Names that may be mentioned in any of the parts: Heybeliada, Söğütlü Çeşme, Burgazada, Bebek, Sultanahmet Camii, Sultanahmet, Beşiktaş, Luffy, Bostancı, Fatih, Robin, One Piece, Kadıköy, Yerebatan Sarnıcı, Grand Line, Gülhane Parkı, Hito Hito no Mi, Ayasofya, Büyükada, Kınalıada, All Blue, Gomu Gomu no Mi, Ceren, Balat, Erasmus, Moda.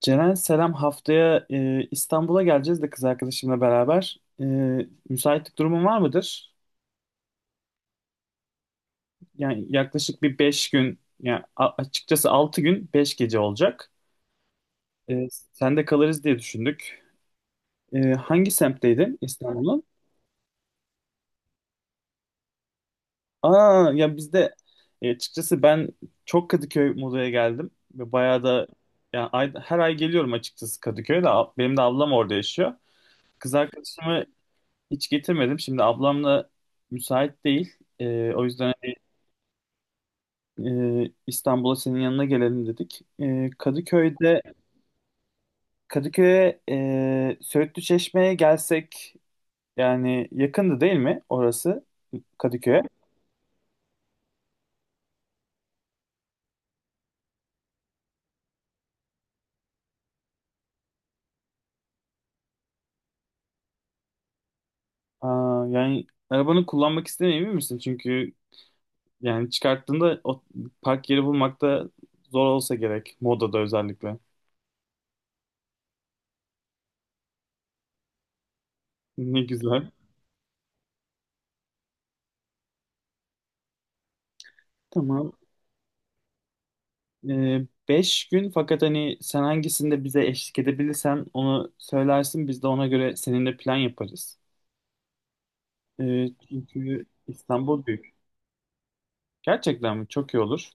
Ceren selam, haftaya İstanbul'a geleceğiz de, kız arkadaşımla beraber. Müsaitlik durumun var mıdır? Yani yaklaşık bir 5 gün, yani açıkçası 6 gün 5 gece olacak. E, Sen de kalırız diye düşündük. Hangi semtteydin İstanbul'un? Aa ya bizde açıkçası ben çok Kadıköy modaya geldim ve bayağı da, yani her ay geliyorum açıkçası Kadıköy'de. Benim de ablam orada yaşıyor. Kız arkadaşımı hiç getirmedim. Şimdi ablamla müsait değil. O yüzden İstanbul'a senin yanına gelelim dedik. Kadıköy'e Söğütlü Çeşme'ye gelsek, yani yakındı değil mi orası, Kadıköy'e? Aa, yani arabanı kullanmak istemiyor misin? Çünkü yani çıkarttığında o park yeri bulmakta zor olsa gerek. Moda'da özellikle. Ne güzel. Tamam. 5 gün, fakat hani sen hangisinde bize eşlik edebilirsen onu söylersin, biz de ona göre seninle plan yaparız. Çünkü İstanbul büyük. Gerçekten mi? Çok iyi olur.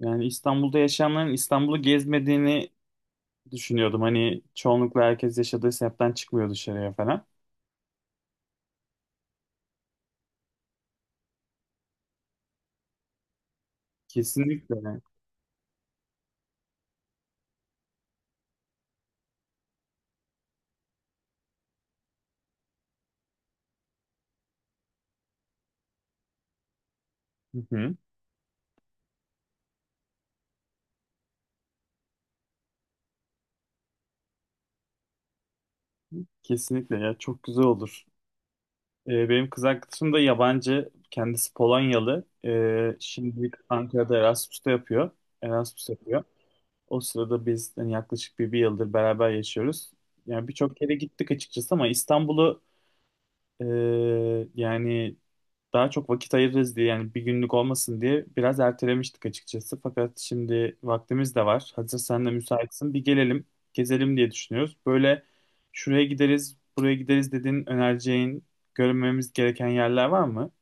Yani İstanbul'da yaşayanların İstanbul'u gezmediğini düşünüyordum. Hani çoğunlukla herkes yaşadığı semtten çıkmıyor dışarıya falan. Kesinlikle. Hı hı. Kesinlikle ya, çok güzel olur. Benim kız arkadaşım da yabancı. Kendisi Polonyalı. Şimdi Ankara'da Erasmus'ta yapıyor. Erasmus yapıyor. O sırada biz, yani yaklaşık bir yıldır beraber yaşıyoruz. Yani birçok kere gittik açıkçası ama İstanbul'u e, yani daha çok vakit ayırırız diye, yani bir günlük olmasın diye biraz ertelemiştik açıkçası. Fakat şimdi vaktimiz de var. Hazır sen de müsaitsin. Bir gelelim, gezelim diye düşünüyoruz. Böyle şuraya gideriz, buraya gideriz dediğin, önereceğin, görmemiz gereken yerler var mı?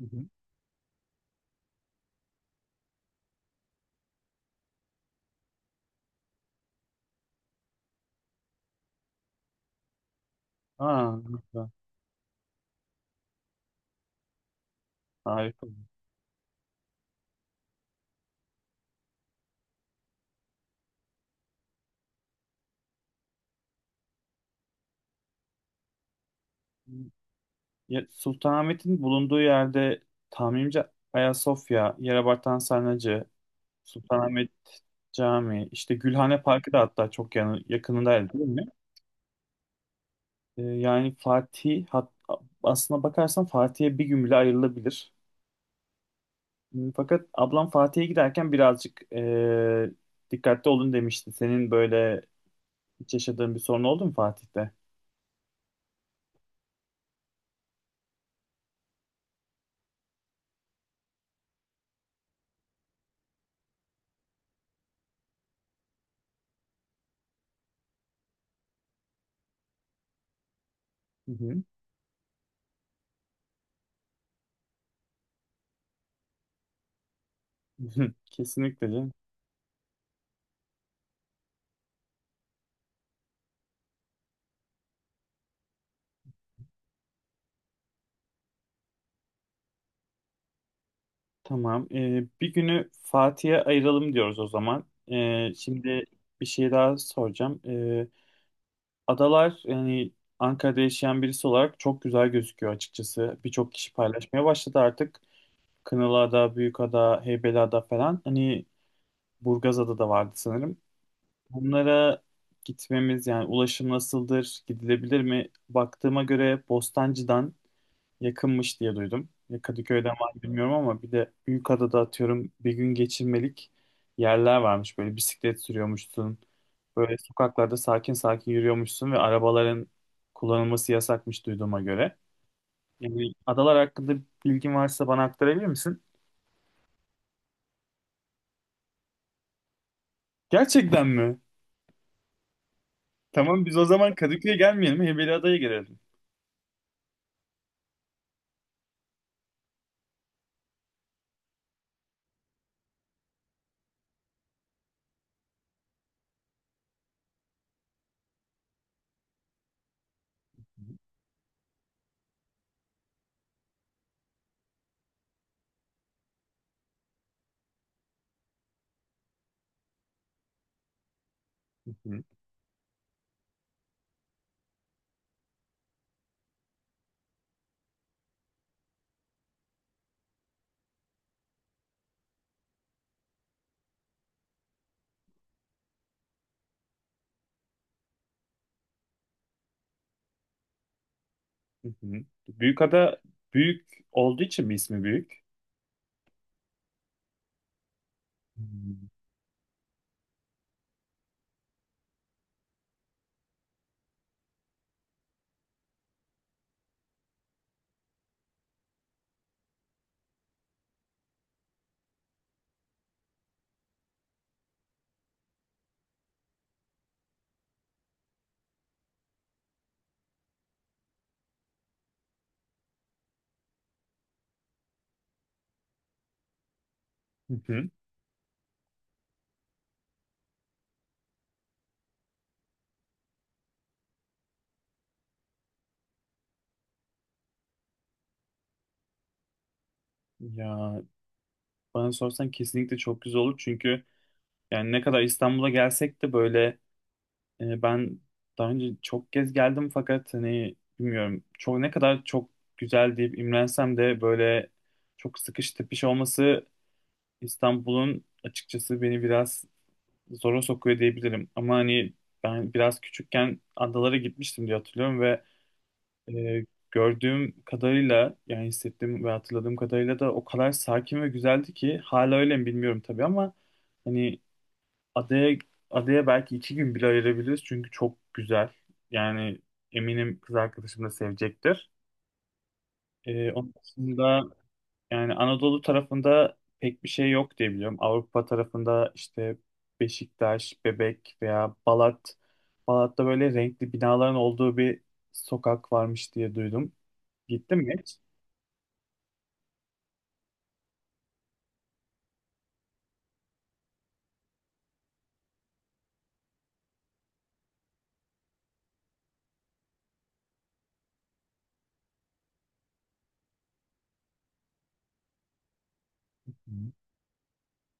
Hı hı. Aa, harika. Harika. Ya, Sultanahmet'in bulunduğu yerde tahminimce Ayasofya, Yerebatan Sarnıcı, Sultanahmet Camii, işte Gülhane Parkı da hatta çok yakınındaydı değil mi? Yani aslına bakarsan Fatih'e bir gün bile ayrılabilir. Fakat ablam Fatih'e giderken birazcık dikkatli olun demişti. Senin böyle hiç yaşadığın bir sorun oldu mu Fatih'te? Hı hı. Kesinlikle canım. Tamam. Bir günü Fatih'e ayıralım diyoruz o zaman. Şimdi bir şey daha soracağım. Adalar, yani Ankara'da yaşayan birisi olarak çok güzel gözüküyor açıkçası. Birçok kişi paylaşmaya başladı artık. Kınalıada, Büyükada, Heybeliada falan. Hani Burgazada da vardı sanırım. Bunlara gitmemiz, yani ulaşım nasıldır, gidilebilir mi? Baktığıma göre Bostancı'dan yakınmış diye duydum. Ya Kadıköy'den var mı bilmiyorum, ama bir de Büyükada'da atıyorum bir gün geçirmelik yerler varmış. Böyle bisiklet sürüyormuşsun. Böyle sokaklarda sakin sakin yürüyormuşsun ve arabaların kullanılması yasakmış duyduğuma göre. Yani adalar hakkında bilgin varsa bana aktarabilir misin? Gerçekten mi? Tamam, biz o zaman Kadıköy'e gelmeyelim. Heybeliada'ya gelelim. Hı hı, hı hı. Büyükada büyük olduğu için mi ismi büyük? Hmm. Hı hı. Ya, bana sorsan kesinlikle çok güzel olur, çünkü yani ne kadar İstanbul'a gelsek de böyle, ben daha önce çok kez geldim, fakat hani bilmiyorum, çok ne kadar çok güzel deyip imrensem de böyle çok sıkış tepiş olması İstanbul'un açıkçası beni biraz zora sokuyor diyebilirim. Ama hani ben biraz küçükken adalara gitmiştim diye hatırlıyorum, ee, gördüğüm kadarıyla, yani hissettiğim ve hatırladığım kadarıyla da o kadar sakin ve güzeldi ki, hala öyle mi bilmiyorum tabii ama hani adaya adaya belki 2 gün bile ayırabiliriz çünkü çok güzel. Yani eminim kız arkadaşım da sevecektir. Onun dışında yani Anadolu tarafında pek bir şey yok diye biliyorum. Avrupa tarafında işte Beşiktaş, Bebek veya Balat. Balat'ta böyle renkli binaların olduğu bir sokak varmış diye duydum. Gittin mi? Hı.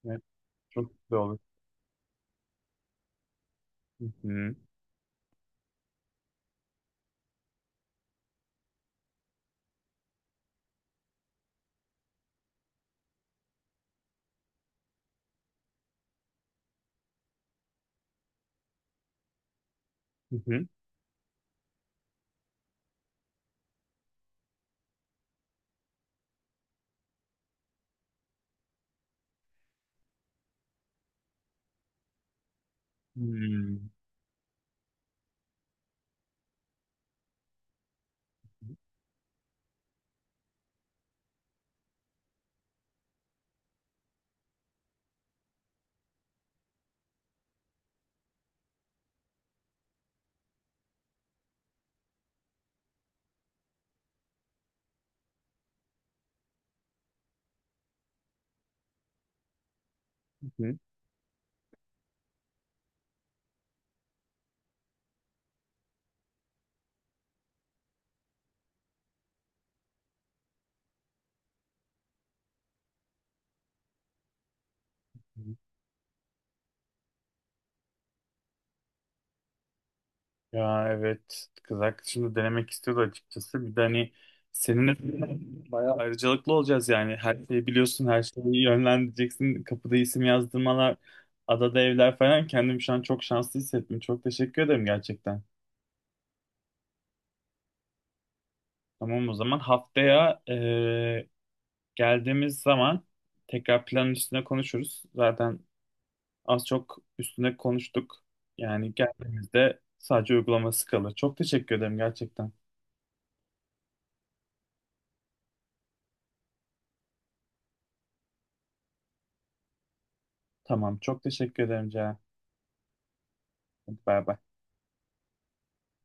Evet, çok güzel olur. Hı hı. Hı hı. Hmm. Hı hı. Ya evet, kız arkadaşım da denemek istiyordu açıkçası. Bir de hani seninle bayağı ayrıcalıklı olacağız yani. Her şeyi biliyorsun, her şeyi yönlendireceksin. Kapıda isim yazdırmalar, adada evler falan. Kendimi şu an çok şanslı hissettim. Çok teşekkür ederim gerçekten. Tamam, o zaman haftaya geldiğimiz zaman tekrar planın üstüne konuşuruz. Zaten az çok üstüne konuştuk. Yani geldiğimizde sadece uygulaması kalır. Çok teşekkür ederim gerçekten. Tamam, çok teşekkür ederim Ceren. Hadi bay bay.